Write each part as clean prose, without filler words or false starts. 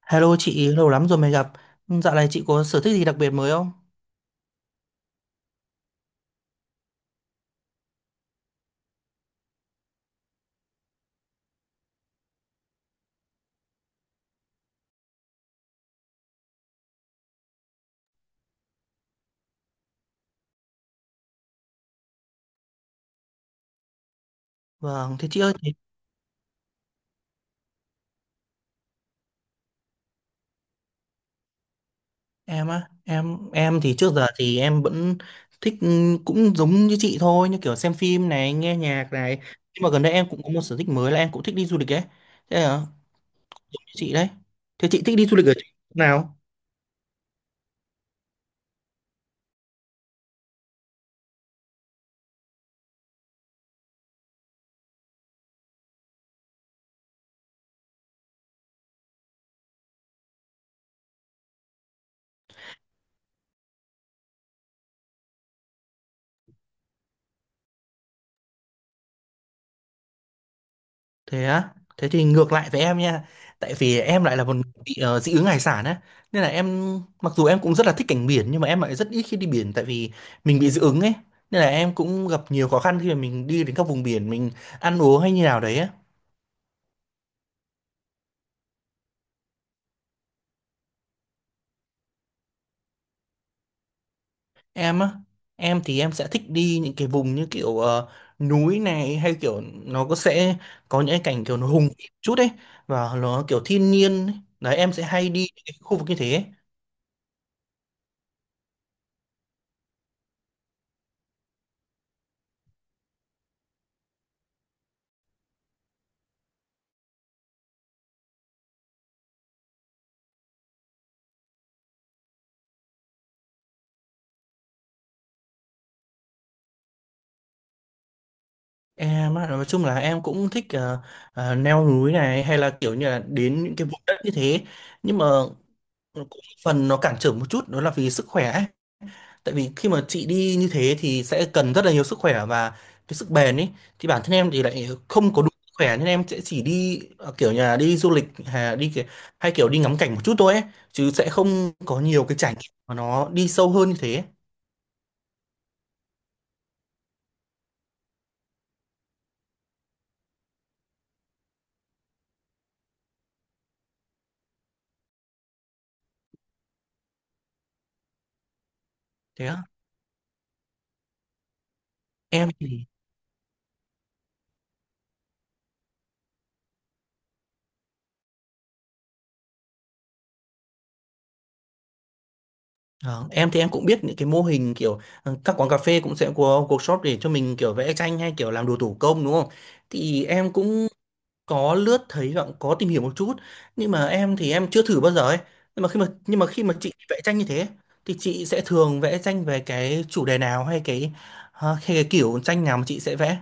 Hello chị, lâu lắm rồi mới gặp. Ừ, dạo này chị có sở thích gì đặc biệt mới không? Vâng, thế chị ơi, thì em á, em thì trước giờ thì em vẫn thích cũng giống như chị thôi, như kiểu xem phim này, nghe nhạc này. Nhưng mà gần đây em cũng có một sở thích mới là em cũng thích đi du lịch ấy. Thế à, giống như chị đấy. Thế chị thích đi du lịch ở chỗ nào? Thế á, thế thì ngược lại với em nha. Tại vì em lại là một người bị dị ứng hải sản á. Nên là em, mặc dù em cũng rất là thích cảnh biển nhưng mà em lại rất ít khi đi biển, tại vì mình bị dị ứng ấy. Nên là em cũng gặp nhiều khó khăn khi mà mình đi đến các vùng biển mình ăn uống hay như nào đấy á. Em á, em thì em sẽ thích đi những cái vùng như kiểu núi này, hay kiểu nó có sẽ có những cái cảnh kiểu nó hùng vĩ chút ấy và nó kiểu thiên nhiên ấy. Đấy, em sẽ hay đi những cái khu vực như thế ấy. Em á, nói chung là em cũng thích leo núi này hay là kiểu như là đến những cái vùng đất như thế, nhưng mà cũng phần nó cản trở một chút đó là vì sức khỏe ấy. Tại vì khi mà chị đi như thế thì sẽ cần rất là nhiều sức khỏe và cái sức bền ấy, thì bản thân em thì lại không có đủ sức khỏe nên em sẽ chỉ đi kiểu như là đi du lịch hay hay kiểu đi ngắm cảnh một chút thôi ấy, chứ sẽ không có nhiều cái trải nghiệm mà nó đi sâu hơn như thế. Thế á em thì Ờ, em thì em cũng biết những cái mô hình kiểu các quán cà phê cũng sẽ có workshop để cho mình kiểu vẽ tranh hay kiểu làm đồ thủ công đúng không? Thì em cũng có lướt thấy và cũng có tìm hiểu một chút, nhưng mà em thì em chưa thử bao giờ ấy. Nhưng mà khi mà chị vẽ tranh như thế thì chị sẽ thường vẽ tranh về cái chủ đề nào, hay hay cái kiểu tranh nào mà chị sẽ vẽ?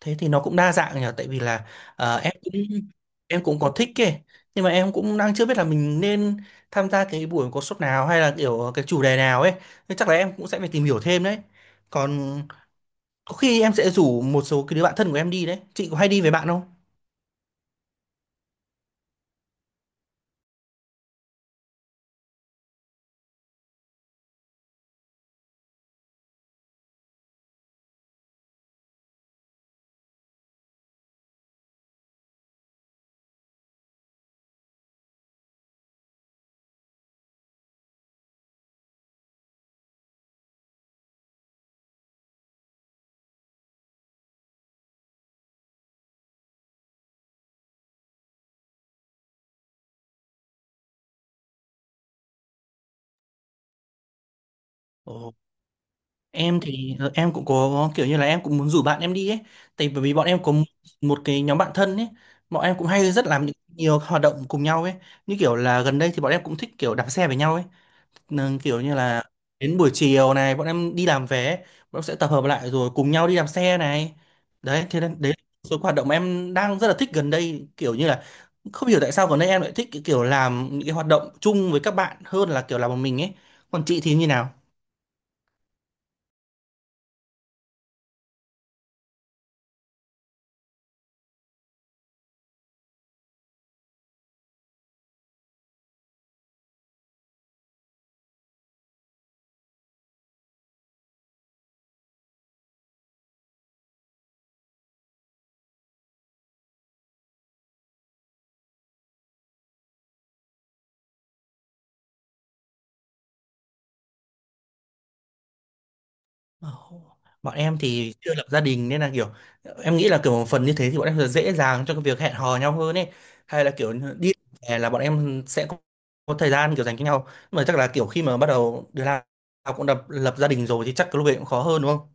Thế thì nó cũng đa dạng nhỉ, tại vì là ờ, em cũng em cũng có thích kì, nhưng mà em cũng đang chưa biết là mình nên tham gia cái buổi workshop nào hay là kiểu cái chủ đề nào ấy, nên chắc là em cũng sẽ phải tìm hiểu thêm đấy. Còn có khi em sẽ rủ một số cái đứa bạn thân của em đi đấy. Chị có hay đi với bạn không? Ồ, em thì em cũng có kiểu như là em cũng muốn rủ bạn em đi ấy, tại bởi vì bọn em có một cái nhóm bạn thân ấy. Bọn em cũng hay rất làm những nhiều hoạt động cùng nhau ấy, như kiểu là gần đây thì bọn em cũng thích kiểu đạp xe với nhau ấy. Nên kiểu như là đến buổi chiều này bọn em đi làm về, bọn em sẽ tập hợp lại rồi cùng nhau đi làm xe này. Đấy, thế nên đấy là một số hoạt động em đang rất là thích gần đây, kiểu như là không hiểu tại sao gần đây em lại thích cái kiểu làm những cái hoạt động chung với các bạn hơn là kiểu làm một mình ấy. Còn chị thì như nào? Ồ, bọn em thì chưa lập gia đình, nên là kiểu em nghĩ là kiểu một phần như thế thì bọn em sẽ dễ dàng cho cái việc hẹn hò nhau hơn ấy, hay là kiểu đi hè là bọn em sẽ có thời gian kiểu dành cho nhau. Nhưng mà chắc là kiểu khi mà bắt đầu đứa nào cũng lập gia đình rồi thì chắc cái lúc ấy cũng khó hơn, đúng không?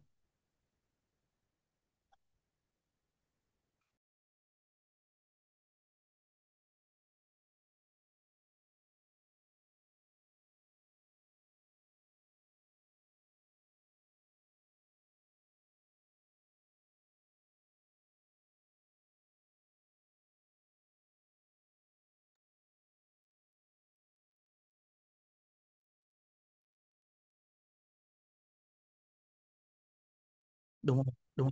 Đúng không? Đúng.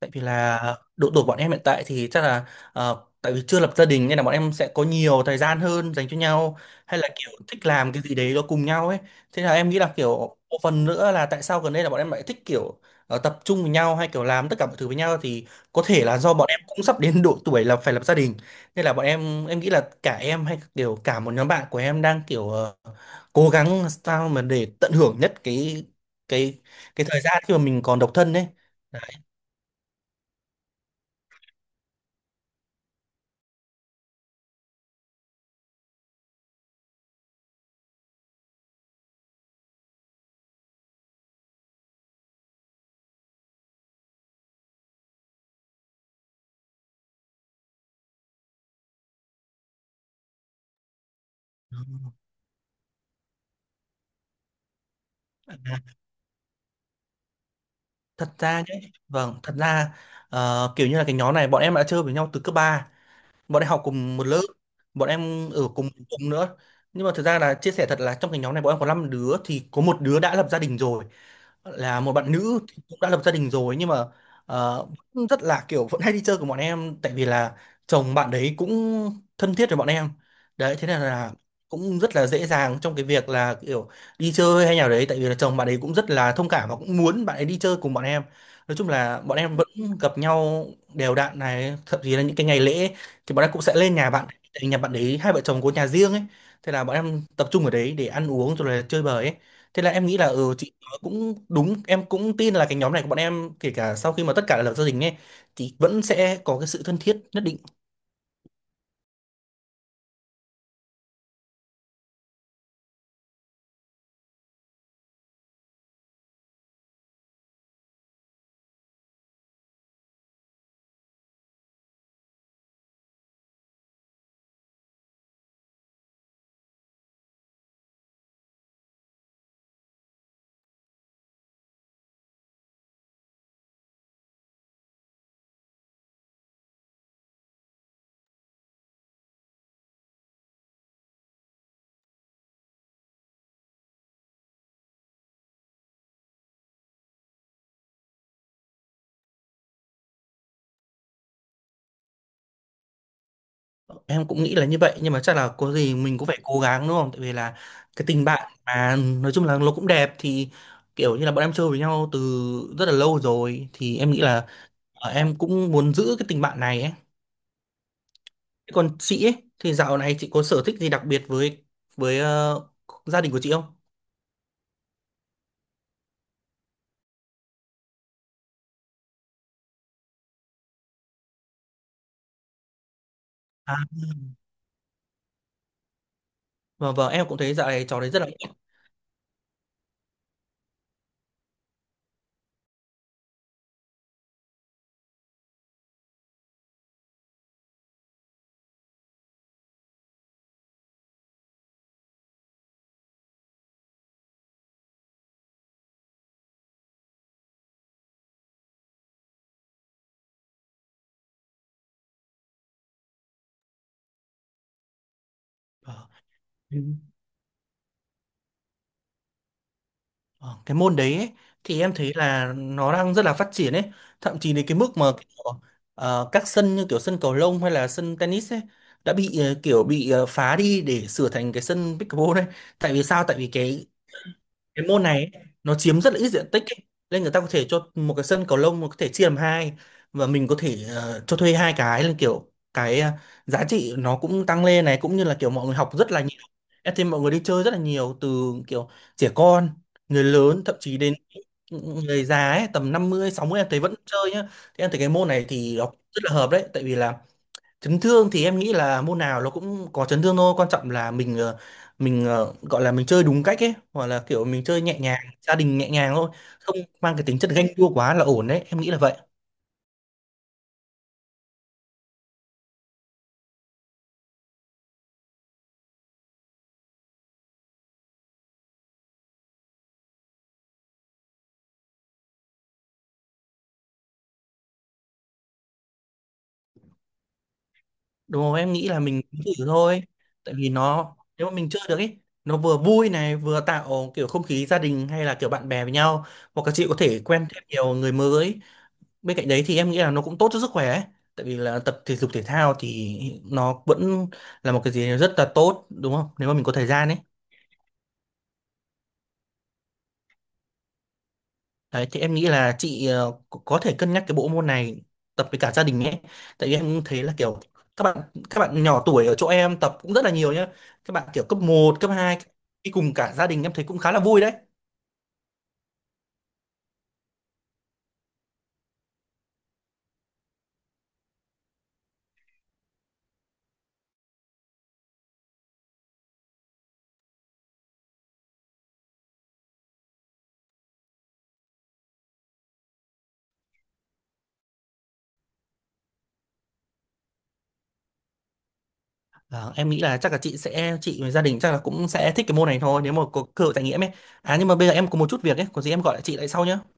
Tại vì là độ tuổi bọn em hiện tại thì chắc là tại vì chưa lập gia đình nên là bọn em sẽ có nhiều thời gian hơn dành cho nhau, hay là kiểu thích làm cái gì đấy đó cùng nhau ấy. Thế là em nghĩ là kiểu một phần nữa là tại sao gần đây là bọn em lại thích kiểu tập trung với nhau hay kiểu làm tất cả mọi thứ với nhau, thì có thể là do bọn em cũng sắp đến độ tuổi là phải lập gia đình, nên là bọn em nghĩ là cả em hay kiểu cả một nhóm bạn của em đang kiểu cố gắng sao mà để tận hưởng nhất cái cái thời gian khi mà mình còn độc thân ấy. Đấy. Thật ra nhé, vâng, thật ra kiểu như là cái nhóm này bọn em đã chơi với nhau từ cấp ba, bọn em học cùng một lớp, bọn em ở cùng cùng nữa. Nhưng mà thực ra là chia sẻ thật là trong cái nhóm này bọn em có 5 đứa thì có một đứa đã lập gia đình rồi, là một bạn nữ thì cũng đã lập gia đình rồi, nhưng mà ờ, vẫn rất là kiểu vẫn hay đi chơi của bọn em, tại vì là chồng bạn đấy cũng thân thiết với bọn em. Đấy, thế nên là cũng rất là dễ dàng trong cái việc là kiểu đi chơi hay nào đấy, tại vì là chồng bạn ấy cũng rất là thông cảm và cũng muốn bạn ấy đi chơi cùng bọn em. Nói chung là bọn em vẫn gặp nhau đều đặn này, thậm chí là những cái ngày lễ thì bọn em cũng sẽ lên nhà bạn, tại vì nhà bạn đấy hai vợ chồng có nhà riêng ấy, thế là bọn em tập trung ở đấy để ăn uống rồi là chơi bời ấy. Thế là em nghĩ là ừ, chị cũng đúng, em cũng tin là cái nhóm này của bọn em kể cả sau khi mà tất cả đã lập gia đình ấy thì vẫn sẽ có cái sự thân thiết nhất định. Em cũng nghĩ là như vậy, nhưng mà chắc là có gì mình cũng phải cố gắng, đúng không? Tại vì là cái tình bạn mà, nói chung là nó cũng đẹp, thì kiểu như là bọn em chơi với nhau từ rất là lâu rồi, thì em nghĩ là em cũng muốn giữ cái tình bạn này ấy. Thế còn chị ấy, thì dạo này chị có sở thích gì đặc biệt với gia đình của chị không? À, vâng, vâng, vâng, em cũng thấy dạo này trò đấy rất là. Ờ. Ờ, cái môn đấy ấy, thì em thấy là nó đang rất là phát triển ấy, thậm chí đến cái mức mà kiểu, các sân như kiểu sân cầu lông hay là sân tennis ấy đã bị kiểu bị phá đi để sửa thành cái sân pickleball đấy. Tại vì sao? Tại vì cái môn này ấy, nó chiếm rất là ít diện tích ấy. Nên người ta có thể cho một cái sân cầu lông mà có thể chia làm hai, và mình có thể cho thuê hai cái, là kiểu giá trị nó cũng tăng lên này, cũng như là kiểu mọi người học rất là nhiều. Em thấy mọi người đi chơi rất là nhiều, từ kiểu trẻ con, người lớn, thậm chí đến người già ấy, tầm 50 60 em thấy vẫn chơi nhá. Thì em thấy cái môn này thì nó rất là hợp đấy, tại vì là chấn thương thì em nghĩ là môn nào nó cũng có chấn thương thôi, quan trọng là mình gọi là mình chơi đúng cách ấy, hoặc là kiểu mình chơi nhẹ nhàng, gia đình nhẹ nhàng thôi, không mang cái tính chất ganh đua quá là ổn đấy, em nghĩ là vậy. Đúng không? Em nghĩ là mình cứ thử thôi, tại vì nó nếu mà mình chơi được ấy, nó vừa vui này, vừa tạo kiểu không khí gia đình hay là kiểu bạn bè với nhau, hoặc các chị có thể quen thêm nhiều người mới. Bên cạnh đấy thì em nghĩ là nó cũng tốt cho sức khỏe ấy. Tại vì là tập thể dục thể thao thì nó vẫn là một cái gì rất là tốt, đúng không, nếu mà mình có thời gian ấy. Đấy, thì em nghĩ là chị có thể cân nhắc cái bộ môn này, tập với cả gia đình ấy. Tại vì em thấy là kiểu các bạn các bạn nhỏ tuổi ở chỗ em tập cũng rất là nhiều nhá, các bạn kiểu cấp một cấp 2 đi cùng cả gia đình em thấy cũng khá là vui đấy. Ờ, em nghĩ là chắc là chị và gia đình chắc là cũng sẽ thích cái môn này thôi, nếu mà có cơ hội trải nghiệm ấy. À, nhưng mà bây giờ em có một chút việc ấy, có gì em gọi lại chị lại sau nhá.